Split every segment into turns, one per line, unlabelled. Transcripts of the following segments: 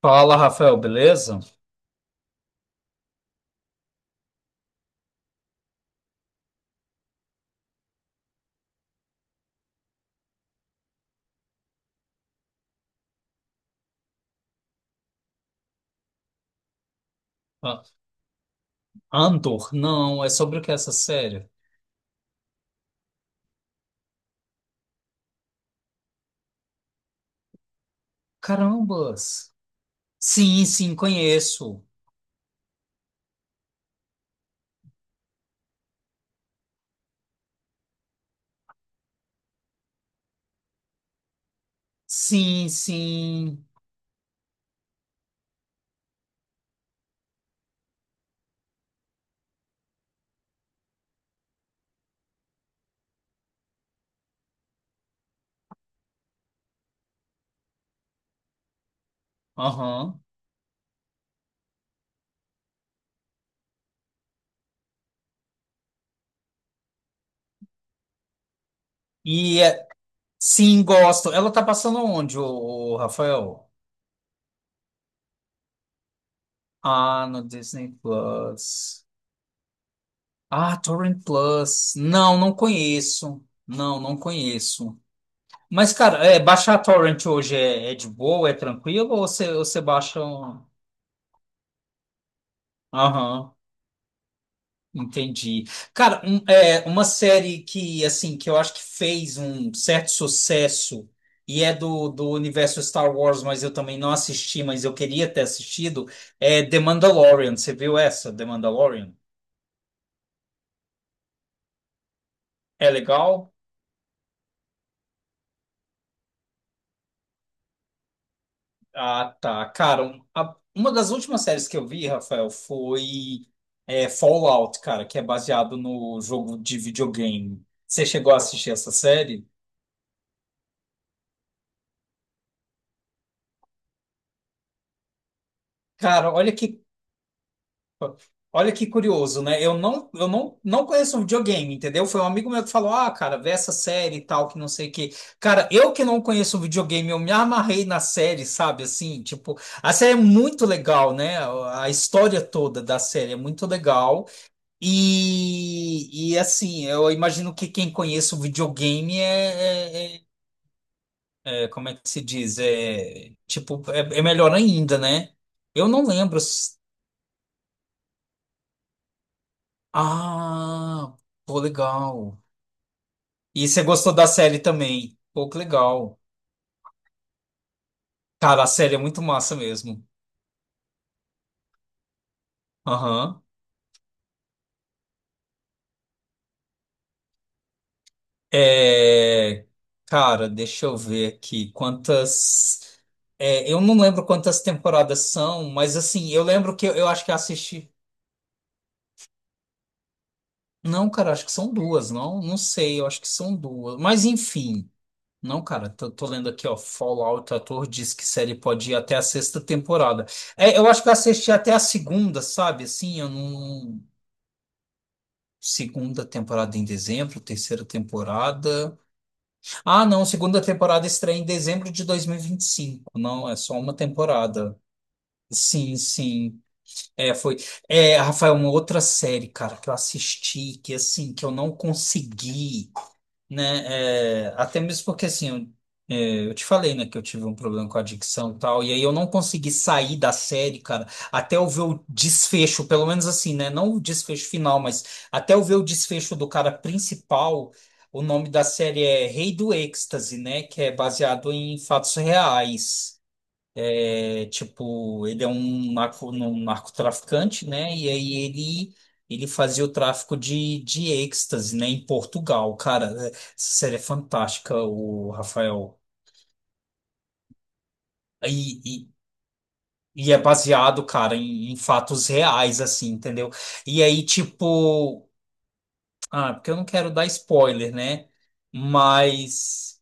Fala, Rafael, beleza? A- Andor? Não, é sobre o que é essa série? Carambas! Sim, sim, conheço. Sim, sim. Aham. E é- sim, gosto. Ela tá passando onde, o, Rafael? Ah, no Disney Plus. Ah, Torrent Plus. Não, não conheço. Não, não conheço. Mas, cara, baixar Torrent hoje é de boa, é tranquilo? Ou você baixa. Aham. Entendi. Cara, uma série que, assim, que eu acho que fez um certo sucesso e é do universo Star Wars, mas eu também não assisti, mas eu queria ter assistido, The Mandalorian. Você viu essa, The Mandalorian? É legal? Ah, tá. Cara, uma das últimas séries que eu vi, Rafael, foi Fallout, cara, que é baseado no jogo de videogame. Você chegou a assistir essa série? Cara, olha que curioso, né? Eu não conheço um videogame, entendeu? Foi um amigo meu que falou: "Ah, cara, vê essa série e tal, que não sei o quê." Cara, eu que não conheço um videogame, eu me amarrei na série, sabe? Assim, tipo, a série é muito legal, né? A história toda da série é muito legal. E assim, eu imagino que quem conhece o videogame é- é- como é que se diz? É, tipo, é melhor ainda, né? Eu não lembro. Ah, pô, legal. E você gostou da série também? Pô, que legal. Cara, a série é muito massa mesmo. Aham. É, Cara, deixa eu ver aqui quantas. Eu não lembro quantas temporadas são, mas assim, eu lembro que eu acho que assisti. Não, cara, acho que são duas, não? Não sei, eu acho que são duas. Mas enfim. Não, cara, tô lendo aqui, ó. Fallout, o ator diz que série pode ir até a sexta temporada. É, eu acho que eu assisti até a segunda, sabe? Assim, eu não. Segunda temporada em dezembro, terceira temporada. Ah, não, segunda temporada estreia em dezembro de dois mil e vinte e cinco. Não, é só uma temporada. Sim, sim. É, foi. Rafael, uma outra série, cara, que eu assisti, que assim, que eu não consegui né? Até mesmo porque assim, eu te falei, né, que eu tive um problema com adicção e tal, e aí eu não consegui sair da série, cara, até eu ver o desfecho, pelo menos assim, né? Não o desfecho final, mas até eu ver o desfecho do cara principal. O nome da série é Rei do Êxtase, né? Que é baseado em fatos reais. É, tipo, ele é um narco, um narcotraficante, né? E aí ele fazia o tráfico de êxtase, né? Em Portugal. Cara, essa série é fantástica, o Rafael. E, e, e é baseado, cara, em fatos reais, assim, entendeu? E aí, tipo, ah, porque eu não quero dar spoiler, né? Mas.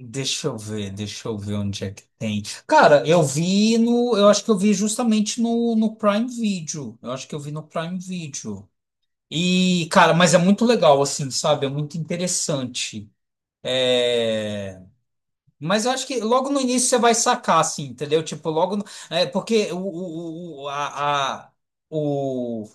Deixa eu ver onde é que tem. Cara, eu vi no, eu acho que eu vi justamente no Prime Video. Eu acho que eu vi no Prime Video. E, cara, mas é muito legal, assim, sabe? É muito interessante. É... Mas eu acho que logo no início você vai sacar, assim, entendeu? Tipo, logo. É, porque o, a- o-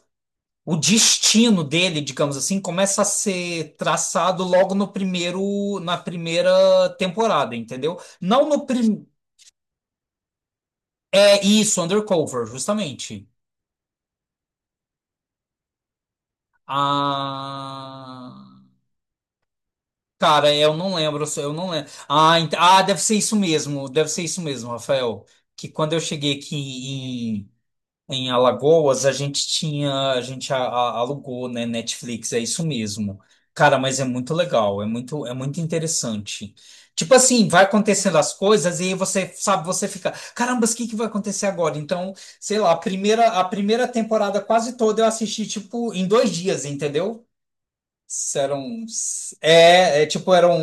o destino dele, digamos assim, começa a ser traçado logo no primeiro, na primeira temporada, entendeu? Não no prim... É isso, Undercover, justamente. Ah, cara, eu não lembro, eu não lembro. Ah, deve ser isso mesmo, deve ser isso mesmo, Rafael. Que quando eu cheguei aqui em Alagoas, a gente alugou, né, Netflix, é isso mesmo. Cara, mas é muito legal, é muito interessante. Tipo assim, vai acontecendo as coisas e aí você, sabe, você fica, caramba, o que que vai acontecer agora? Então, sei lá, a primeira temporada quase toda eu assisti, tipo, em 2 dias, entendeu? Eram, é, é, tipo, eram,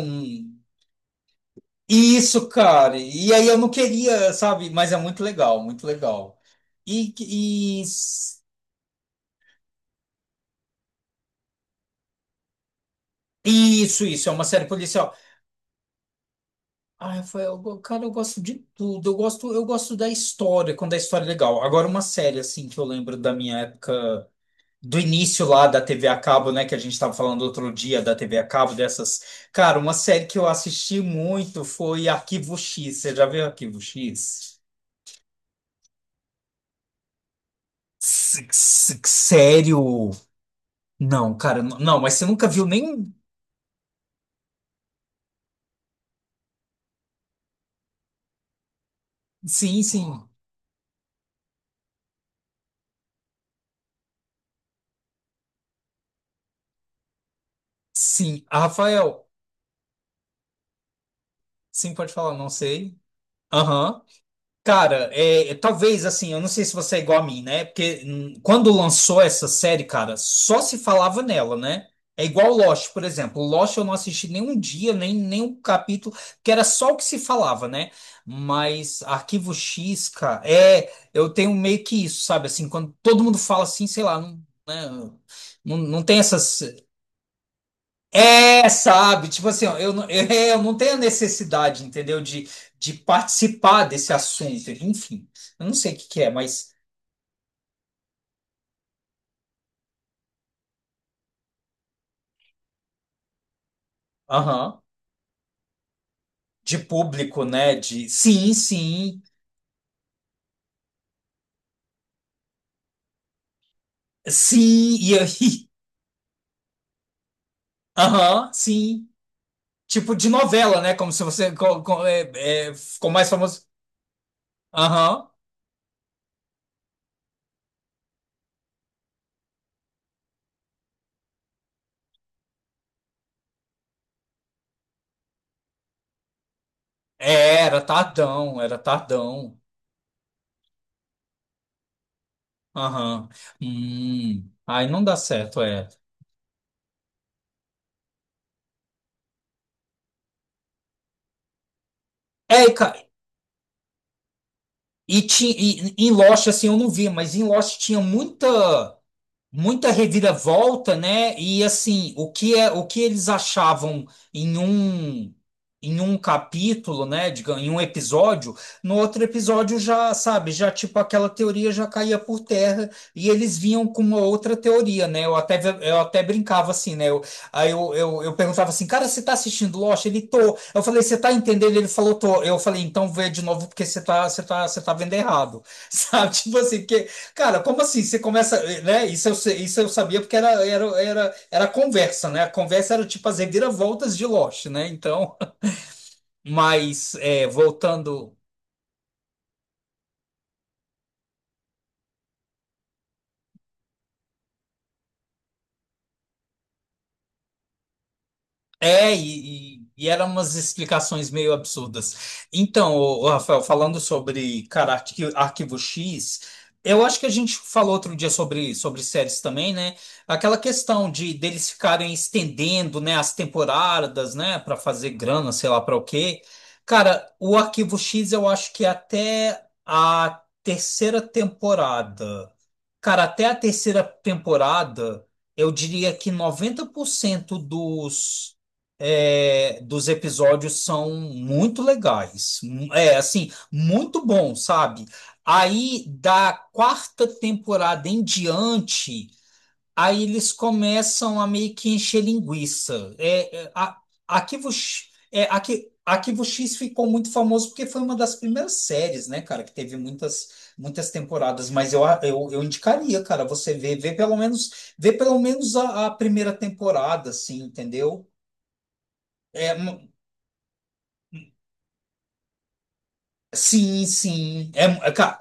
Isso, cara. E aí eu não queria, sabe, mas é muito legal, muito legal. E isso, isso, é uma série policial. Ah, foi, eu cara, eu gosto de tudo. Eu gosto da história, quando a história é legal. Agora, uma série, assim, que eu lembro da minha época, do início lá da TV a cabo, né, que a gente estava falando outro dia da TV a cabo, dessas. Cara, uma série que eu assisti muito foi Arquivo X. Você já viu Arquivo X? Sério? Não, cara, não, mas você nunca viu nem. Sim, sim, sim. Ah, Rafael, sim, pode falar, não sei. Aham. Cara, talvez assim, eu não sei se você é igual a mim, né? Porque quando lançou essa série, cara, só se falava nela, né? É igual Lost, por exemplo. Lost eu não assisti nenhum dia, nem nenhum capítulo, que era só o que se falava, né? Mas Arquivo X, cara, eu tenho meio que isso, sabe? Assim, quando todo mundo fala assim, sei lá, não, né? Não, não tem essas. É, sabe? Tipo assim, ó, eu, não- eu não tenho a necessidade, entendeu? De participar desse assunto. Enfim, eu não sei o que que é, mas. Aham, de público, né? De sim, sim. Sim, e aí, aham, sim. Tipo de novela, né? Como se você ficou mais famoso. Aham. Era Tardão, era Tardão. Aham. Hum. Aí não dá certo, é. É, e em Lost, assim, eu não vi, mas em Lost tinha muita muita reviravolta, né? E assim, o que é, o que eles achavam em um em um capítulo, né, digamos, em um episódio, no outro episódio já, sabe, já tipo aquela teoria já caía por terra e eles vinham com uma outra teoria, né? Eu até brincava assim, né? Aí eu perguntava assim: "Cara, você tá assistindo Lost?" Ele tô. Eu falei: "Você tá entendendo?" Ele falou: "Tô." Eu falei: "Então vê de novo porque você tá vendo errado." Sabe? Tipo assim, que Cara, como assim? Você começa, né? Isso eu sabia porque era conversa, né? A conversa era tipo as reviravoltas de Lost, né? Então, mas voltando. E eram umas explicações meio absurdas. Então, Rafael, falando sobre, cara, Arquivo X, eu acho que a gente falou outro dia sobre séries também, né? Aquela questão de deles ficarem estendendo, né, as temporadas, né, para fazer grana, sei lá para o quê. Cara, o Arquivo X eu acho que até a terceira temporada. Cara, até a terceira temporada, eu diria que 90% dos episódios são muito legais. É, assim, muito bom, sabe? Aí, da quarta temporada em diante, aí eles começam a meio que encher linguiça. É, é, a, Arquivo, X- é, Arqui- Arquivo X ficou muito famoso porque foi uma das primeiras séries, né, cara, que teve muitas temporadas, mas eu indicaria, cara, você ver pelo menos a primeira temporada, assim, entendeu? É, Sim, sim. É,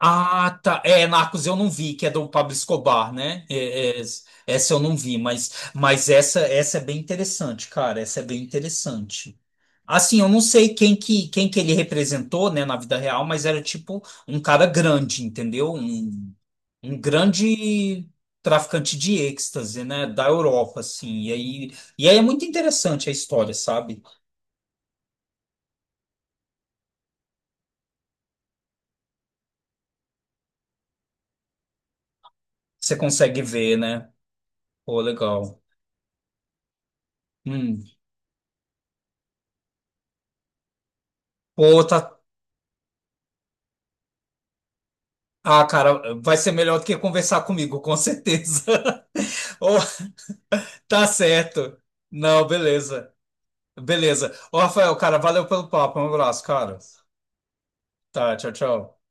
Ah, tá. Narcos eu não vi, que é do Pablo Escobar, né? Essa eu não vi, mas, mas essa é bem interessante, cara. Essa é bem interessante. Assim, eu não sei quem que ele representou, né, na vida real, mas era tipo um cara grande, entendeu? Um grande traficante de êxtase, né, da Europa, assim. E aí é muito interessante a história, sabe? Você consegue ver, né? Pô, legal. Hum. Pô, tá. Ah, cara, vai ser melhor do que conversar comigo, com certeza. Oh, tá certo. Não, beleza. Beleza. Ô, Rafael, cara, valeu pelo papo. Um abraço, cara. Tá, tchau, tchau.